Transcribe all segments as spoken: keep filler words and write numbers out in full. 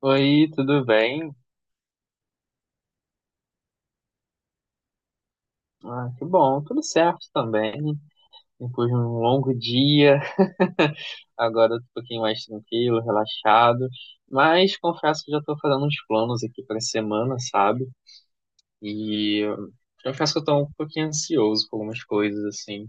Oi, tudo bem? Ah, que bom, tudo certo também. Depois de um longo dia, agora eu tô um pouquinho mais tranquilo, relaxado. Mas confesso que já tô fazendo uns planos aqui pra semana, sabe? E eh, confesso que eu tô um pouquinho ansioso com algumas coisas, assim.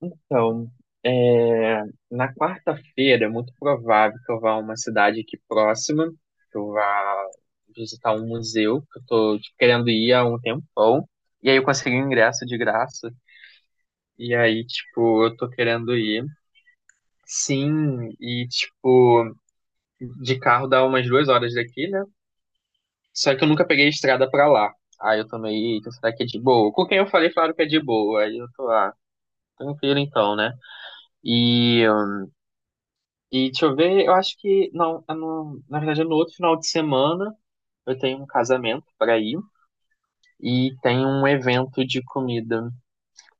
Então, é, na quarta-feira é muito provável que eu vá a uma cidade aqui próxima, que eu vá visitar um museu, que eu tô, tipo, querendo ir há um tempão. E aí eu consegui um ingresso de graça, e aí, tipo, eu tô querendo ir. Sim, e, tipo, de carro dá umas duas horas daqui, né? Só que eu nunca peguei estrada pra lá. Aí eu tomei, "Eita, será que é de boa?" Com quem eu falei, falaram que é de boa. Aí eu tô lá, tranquilo então, né? E E deixa eu ver, eu acho que não, é no- na verdade é no outro final de semana eu tenho um casamento para ir e tem um evento de comida.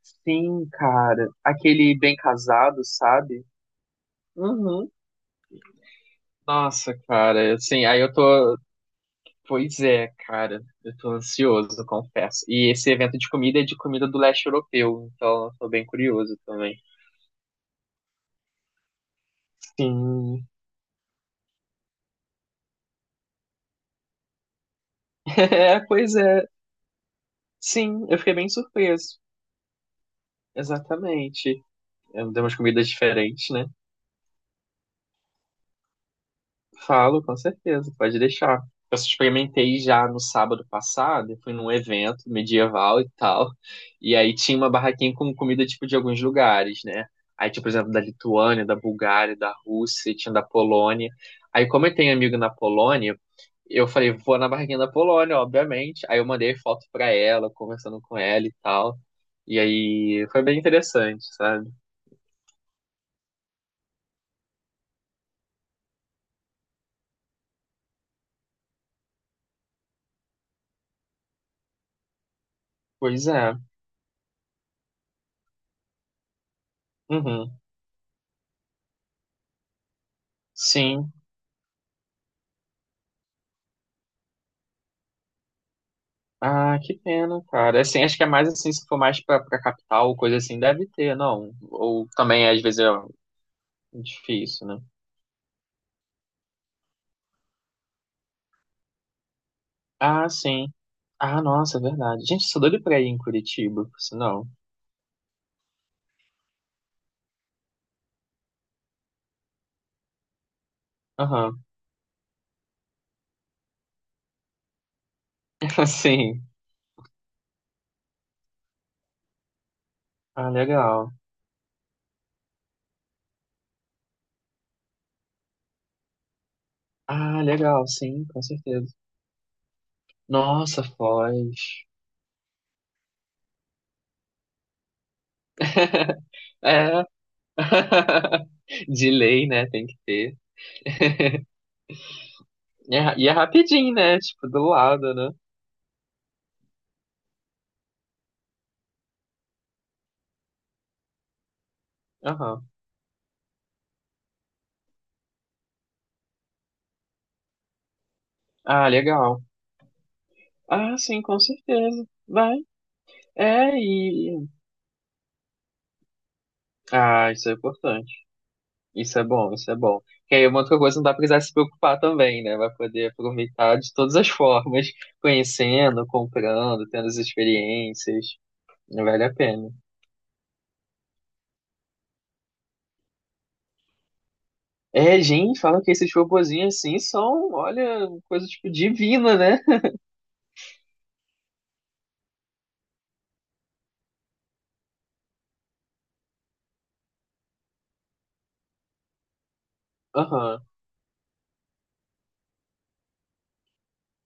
Sim, cara, aquele bem casado, sabe? Uhum. Nossa, cara, assim, aí eu tô, pois é, cara, eu tô ansioso, eu confesso. E esse evento de comida é de comida do leste europeu, então eu tô bem curioso também. Sim. É, pois é. Sim, eu fiquei bem surpreso. Exatamente. Eu dei umas comidas diferentes, né? Falo, com certeza, pode deixar. Eu experimentei já no sábado passado, eu fui num evento medieval e tal, e aí tinha uma barraquinha com comida tipo de alguns lugares, né? Aí tinha, por exemplo, da Lituânia, da Bulgária, da Rússia, e tinha da Polônia. Aí, como eu tenho amigo na Polônia, eu falei, vou na barraquinha da Polônia, obviamente. Aí eu mandei foto pra ela, conversando com ela e tal. E aí foi bem interessante, sabe? Pois é. Uhum. Sim. Ah, que pena, cara. É, assim, acho que é mais assim, se for mais pra, pra capital, coisa assim, deve ter, não. Ou também, às vezes, é difícil, né? Ah, sim. Ah, nossa, é verdade. Gente, sou doido pra ir em Curitiba, por sinal. Aham. Sim. Ah, legal. Ah, legal, sim, com certeza. Nossa, Foz. É. De lei, né? Tem que ter. E é, ra- e é rapidinho, né? Tipo, do lado, né? Aham. Ah, legal. Ah, sim, com certeza. Vai. É, e. Ah, isso é importante. Isso é bom, isso é bom. Que aí é uma outra coisa não dá pra precisar se preocupar também, né? Vai poder aproveitar de todas as formas, conhecendo, comprando, tendo as experiências. Vale a pena. É, gente, falam que esses robozinhos assim são, olha, coisa tipo divina, né? Aham.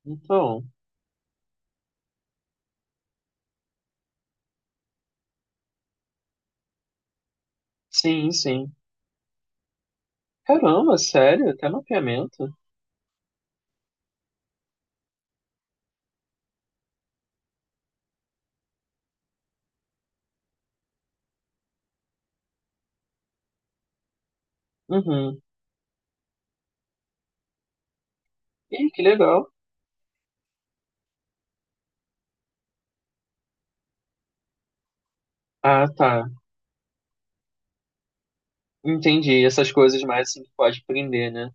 Então, sim, sim. Caramba, sério? Até mapeamento? Uhum. Ih, que legal. Ah, tá. Entendi. Essas coisas mais assim que pode prender, né?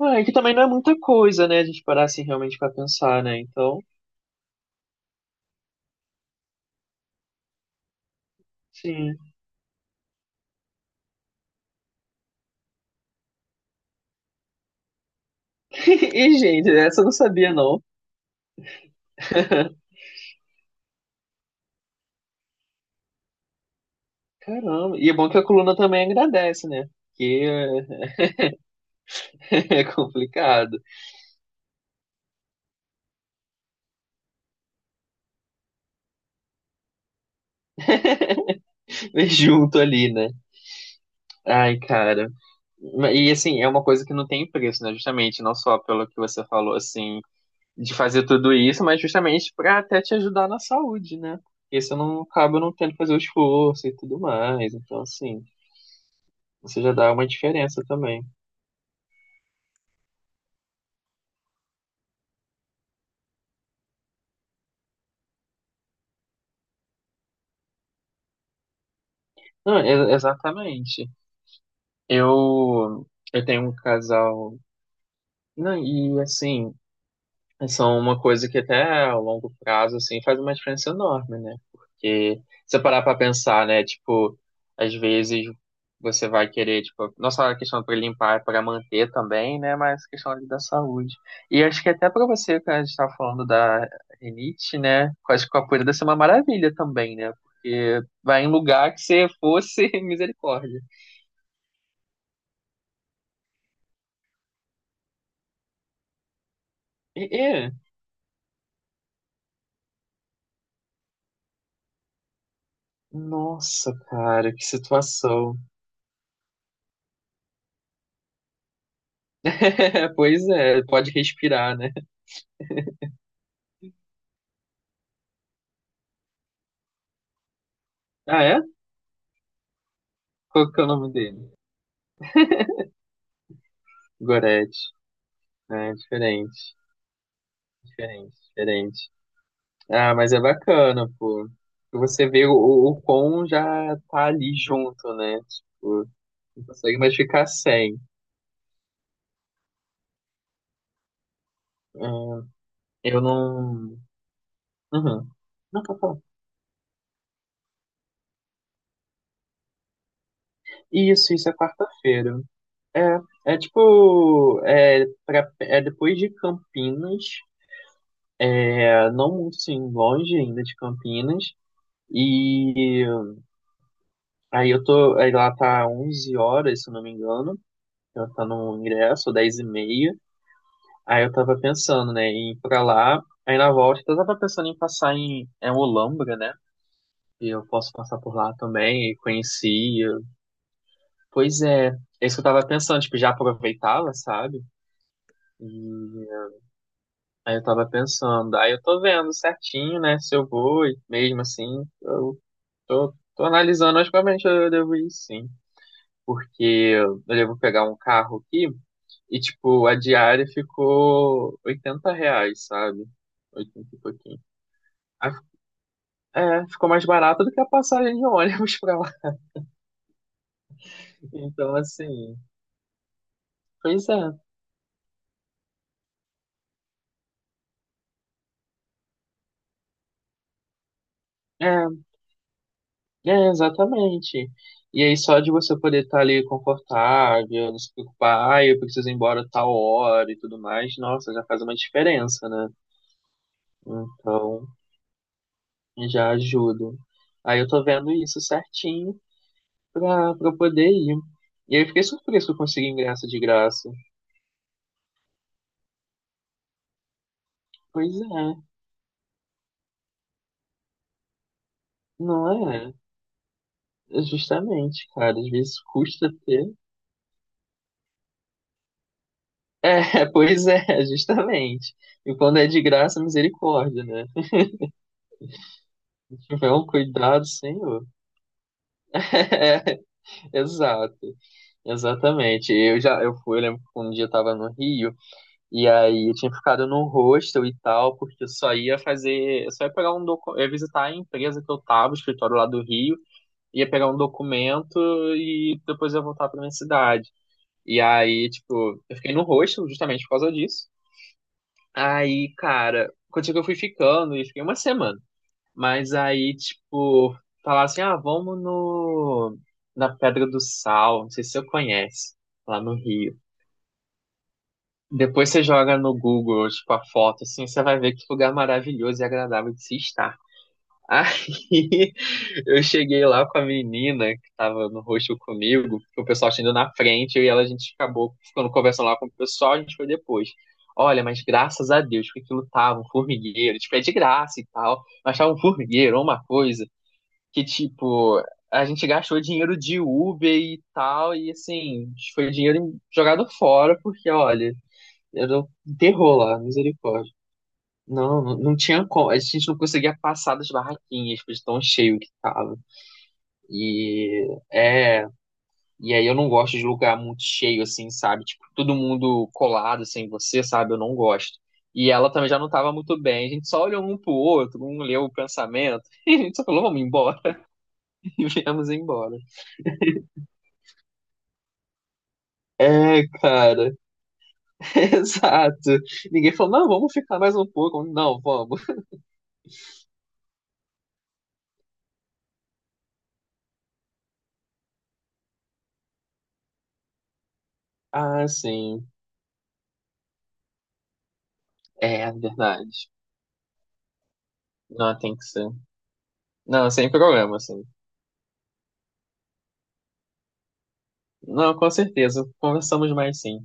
Ah, é, que também não é muita coisa, né? A gente parar assim realmente pra pensar, né? Então, sim. E, gente, essa eu não sabia, não. Caramba. E é bom que a coluna também agradece, né? Porque é é complicado. Mas junto ali, né? Ai, cara. Ma- E assim, é uma coisa que não tem preço, né? Justamente, não só pelo que você falou, assim, de fazer tudo isso, mas justamente pra até te ajudar na saúde, né? Porque você não acaba não tendo que fazer o esforço e tudo mais. Então, assim, você já dá uma diferença também. Não, e- exatamente. Eu, eu tenho um casal. Não, e assim, são uma coisa que até a longo prazo, assim, faz uma diferença enorme, né? Porque se você parar pra pensar, né? Tipo, às vezes você vai querer, tipo, não só a questão pra limpar, é pra manter também, né? Mas a questão ali da saúde. E acho que até pra você, que a gente tava falando da rinite, né? Acho que a poeira deve ser uma maravilha também, né? Porque vai em lugar que você fosse misericórdia. É, é. Nossa, cara, que situação. Pois é, pode respirar, né? Ah, é? Qual que é o nome dele? Goretti. Ah, é, diferente, diferente, diferente. Ah, mas é bacana, pô. Você vê o, o o quão já tá ali junto, né? Tipo, não consegue mais ficar sem. Ah, eu não. Uhum. Não, pode falar. Isso, isso é quarta-feira. É, é tipo, é, pra, é depois de Campinas. É, não muito sim, longe ainda de Campinas. E aí eu tô, aí lá tá onze horas, se eu não me engano, eu tá no ingresso, dez e meia. Aí eu tava pensando, né, em ir pra lá. Aí na volta eu tava pensando em passar em é, Olambra, né? E eu posso passar por lá também, e conheci. Pois é, é isso que eu tava pensando, tipo, já aproveitava, sabe? E aí eu tava pensando, aí eu tô vendo certinho, né, se eu vou e mesmo assim. Eu tô, tô analisando, mas provavelmente eu devo ir sim, porque eu devo pegar um carro aqui e, tipo, a diária ficou oitenta reais, sabe? Oitenta e pouquinho. Aí, é, ficou mais barato do que a passagem de ônibus pra lá. Então, assim, pois é, é, é, exatamente. E aí, só de você poder estar ali confortável, não se preocupar, ah, eu preciso ir embora tal hora e tudo mais, nossa, já faz uma diferença, né? Então. Já ajudo. Aí eu tô vendo isso certinho pra, pra eu poder ir. E aí eu fiquei surpreso que eu consegui ingresso de graça. Pois é, não é? É justamente, cara. Às vezes custa ter. É, pois é, é justamente. E quando é de graça, misericórdia, né? Se tiver um cuidado, Senhor. É, exato, exatamente. Eu já eu fui, eu lembro que um dia eu tava no Rio. E aí eu tinha ficado no hostel e tal, porque eu só ia fazer, eu só ia pegar um documento, ia visitar a empresa que eu tava, o escritório lá do Rio, ia pegar um documento e depois ia voltar pra minha cidade. E aí, tipo, eu fiquei no hostel justamente por causa disso. Aí, cara, contigo eu fui ficando e fiquei uma semana. Mas aí, tipo, falar assim, ah, vamos no na Pedra do Sal, não sei se você conhece, lá no Rio. Depois você joga no Google, tipo, a foto, assim, você vai ver que lugar maravilhoso e agradável de se estar. Aí eu cheguei lá com a menina que tava no rosto comigo, o pessoal tinha ido na frente, eu e ela, a gente acabou ficando conversando lá com o pessoal, a gente foi depois. Olha, mas graças a Deus que aquilo tava um formigueiro, tipo, é de graça e tal, mas tava um formigueiro, uma coisa que, tipo, a gente gastou dinheiro de Uber e tal, e assim, foi dinheiro jogado fora, porque, olha, era um terror lá, misericórdia. Não, não, não tinha como. A gente não conseguia passar das barraquinhas, de tão cheio que tava. E é, e aí eu não gosto de lugar muito cheio assim, sabe? Tipo, todo mundo colado sem você, sabe? Eu não gosto. E ela também já não tava muito bem. A gente só olhou um pro outro, um leu o pensamento, e a gente só falou, vamos embora, e viemos embora. É, cara, exato. Ninguém falou, não, vamos ficar mais um pouco. Não, vamos. Ah, sim, é verdade. Não, tem que ser. Não, sem problema, assim. Não, com certeza. Conversamos mais sim.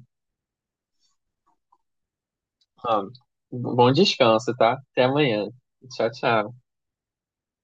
Ah, bom descanso, tá? Até amanhã. Tchau, tchau.